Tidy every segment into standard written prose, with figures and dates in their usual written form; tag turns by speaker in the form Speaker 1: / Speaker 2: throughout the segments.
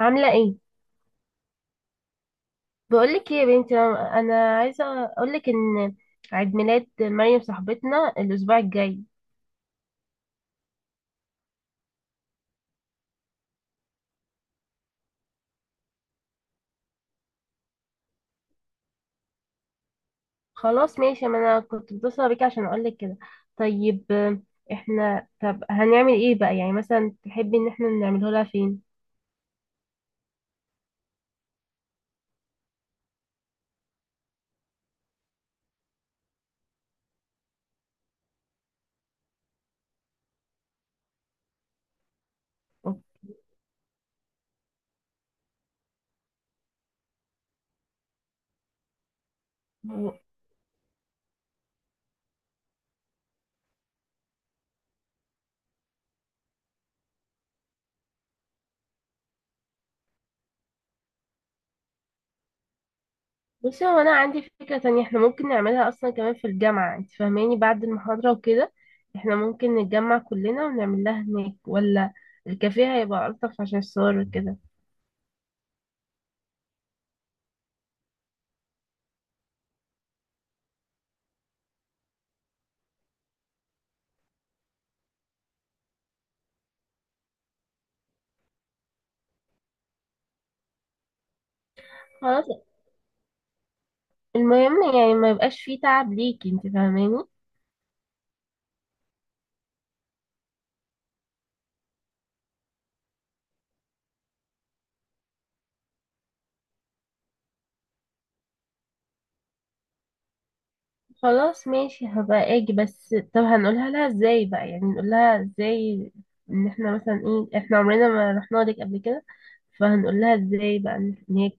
Speaker 1: عاملة ايه؟ بقولك ايه يا بنتي أنا عايزة اقولك ان عيد ميلاد مريم صاحبتنا الاسبوع الجاي. خلاص ماشي، ما انا كنت متصلة بيكي عشان اقولك كده. طيب آه، احنا طب هنعمل ايه بقى؟ يعني مثلا تحبي ان احنا نعمله لها فين؟ و- و- بصي هو انا عندي فكرة تانية احنا ممكن نعملها اصلا كمان في الجامعة، انت فاهماني، بعد المحاضرة وكده. احنا ممكن نتجمع كلنا ونعمل لها هناك، ولا الكافيه هيبقى ألطف عشان الصور وكده؟ خلاص، المهم يعني ما يبقاش فيه تعب ليكي، انت فاهماني. خلاص ماشي، هبقى اجي. بس طب هنقولها لها ازاي بقى؟ يعني نقول لها ازاي ان احنا مثلا ايه، احنا عمرنا ما رحنا لك قبل كده، فهنقول لها ازاي بقى ان هناك؟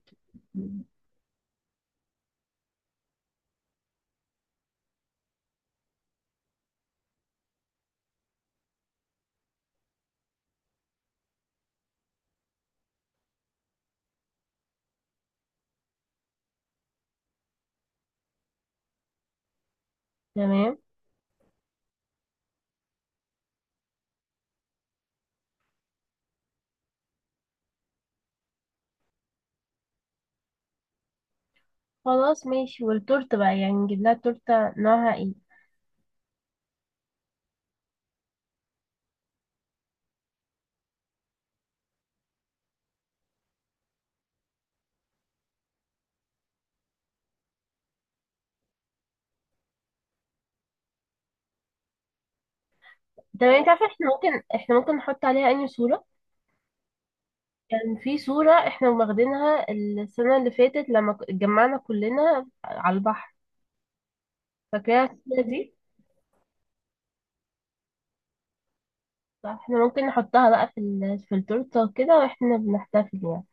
Speaker 1: تمام. خلاص ماشي. والتورته بقى يعني نجيب لها تورته نوعها ايه؟ تمام. انت عارفه احنا ممكن نحط عليها اي صوره كان، يعني في صوره احنا واخدينها السنه اللي فاتت لما اتجمعنا كلنا على البحر، فاكراها الصوره دي؟ احنا ممكن نحطها بقى في في التورته وكده واحنا بنحتفل يعني.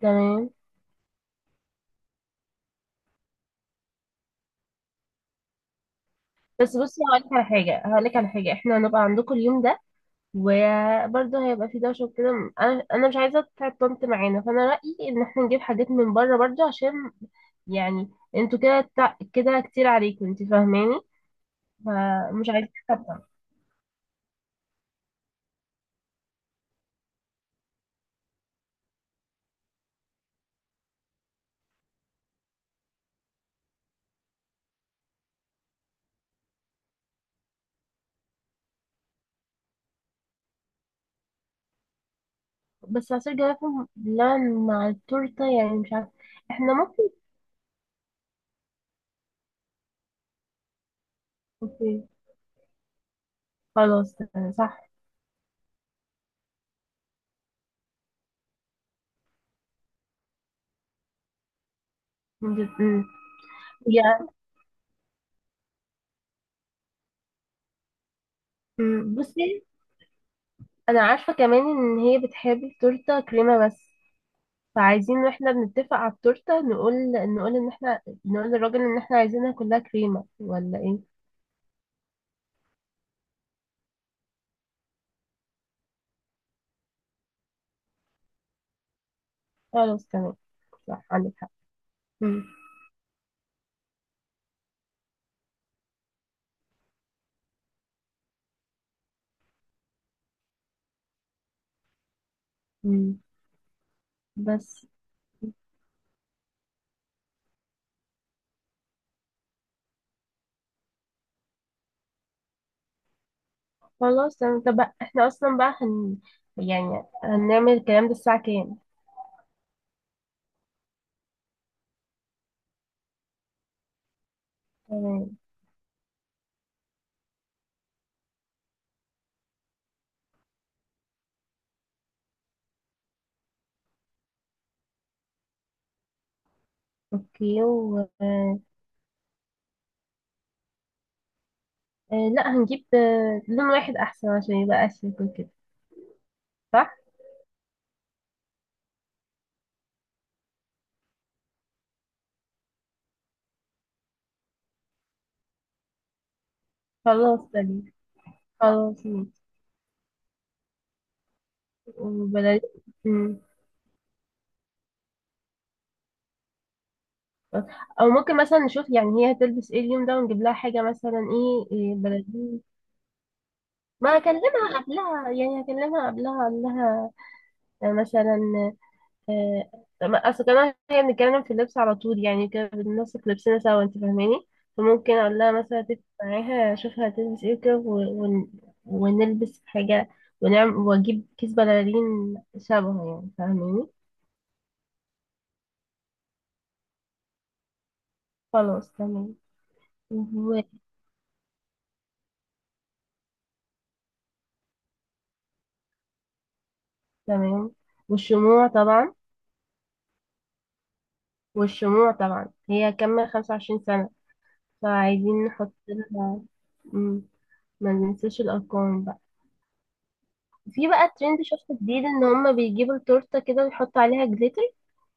Speaker 1: تمام. بس بصي، هقولك على حاجه احنا هنبقى عندكم اليوم ده، وبرضه هيبقى في دوشه وكده، انا مش عايزه تتعب طنط معانا، فانا رايي ان احنا نجيب حاجات من بره برضه عشان يعني انتوا كده كده كتير عليكم، انت فاهماني. فمش عايزين تتعب طنط. بس عصير جوافه بلبن مع التورته، يعني مش عارفه. احنا ممكن. اوكي، خلاص تمام، صح. مم. يعني. بصي، انا عارفة كمان ان هي بتحب التورتة كريمة بس، فعايزين واحنا بنتفق على التورتة نقول، نقول ان احنا نقول للراجل ان احنا عايزينها كلها كريمة ولا ايه؟ خلاص تمام، صح عندك حق. مم. مم. بس. خلاص تمام، طب بقى احنا اصلا بقى هن، يعني هنعمل الكلام ده الساعة كام؟ تمام. اوكي و آه، لا، هنجيب لون واحد احسن عشان يبقى اشيك وكده. صح. خلاص تمام. خلاص ماشي. وبلاش. او ممكن مثلا نشوف يعني هي هتلبس ايه اليوم ده ونجيب لها حاجه مثلا ايه, إيه بلدي. ما هكلمها قبلها يعني هكلمها قبلها اقول لها مثلا، آه، اصل كمان هي بنتكلم في اللبس على طول، يعني كده بننسق لبسنا سوا، انت فاهماني. فممكن اقول لها مثلا، اتفق معاها اشوفها هتلبس ايه كده ونلبس حاجه، ونعمل واجيب كيس بلالين شبهه، يعني فاهماني. خلاص تمام. و- تمام. والشموع طبعا. والشموع طبعا، هي كمل 25 سنة، فعايزين نحط لها. مم. ما ننساش الأرقام بقى. في بقى ترند شفته جديد، إن هما بيجيبوا التورتة كده ويحطوا عليها جليتر،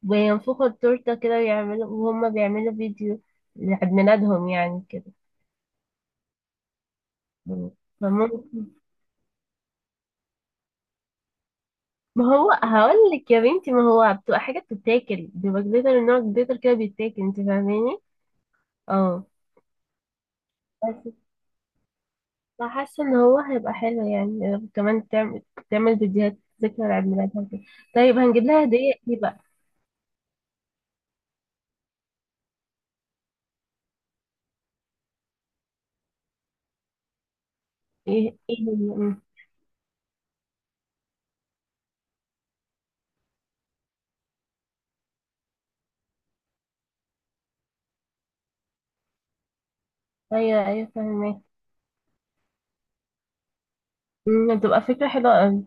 Speaker 1: وينفخوا التورتة كده ويعملوا، وهما بيعملوا فيديو لعيد ميلادهم يعني كده. مم. فممكن، ما هو هقول لك يا بنتي، ما هو بتبقى حاجة بتتاكل، بيبقى جليتر، نوع جليتر كده بيتاكل، انت فاهماني؟ اه. انا حاسه ان هو هيبقى حلو، يعني كمان تعمل، تعمل فيديوهات ذكرى لعيد ميلادها وكده. طيب هنجيب لها هديه ايه بقى؟ ايه ايه هي؟ مم. ايوه ايوه فاهمه. مم، هتبقى فكره حلوه قوي.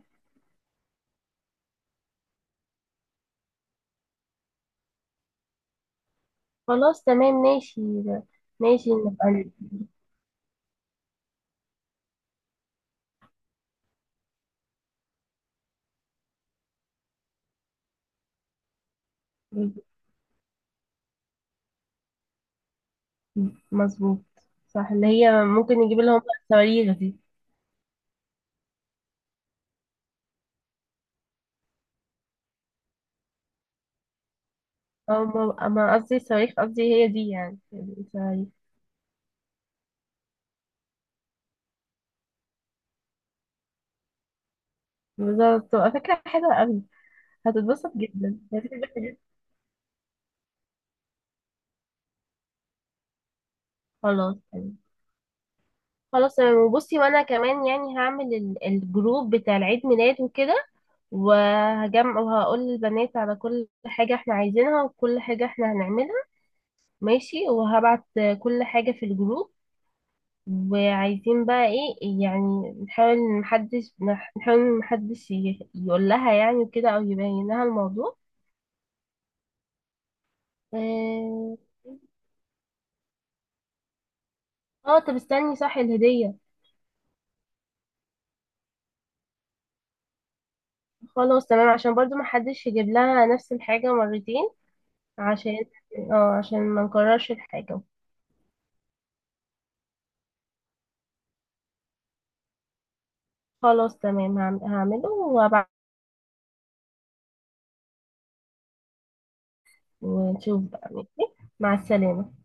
Speaker 1: خلاص تمام ماشي. ماشي نبقى مظبوط. صح، اللي هي ممكن نجيب لهم بقى الصواريخ دي. او ما قصدي صواريخ، قصدي هي دي يعني، الصواريخ. بالظبط، تبقى فكره حلوه قوي. هتتبسط جدا، هتتبسط جدا. خلاص تمام. خلاص تمام. وبصي، وانا كمان يعني هعمل الجروب بتاع العيد ميلاد وكده، وهجمع وهقول للبنات على كل حاجة احنا عايزينها وكل حاجة احنا هنعملها. ماشي، وهبعت كل حاجة في الجروب. وعايزين بقى ايه، يعني نحاول محدش نحاول محدش يقول لها يعني كده او يبين لها الموضوع. اه. آه، طب استني، صح، الهدية. خلاص تمام، عشان برضو محدش يجيب لها نفس الحاجة مرتين. عشان، اه، عشان ما نكررش الحاجة. خلاص تمام، هعمله وابعت. ونشوف بقى. ماشي، مع السلامة.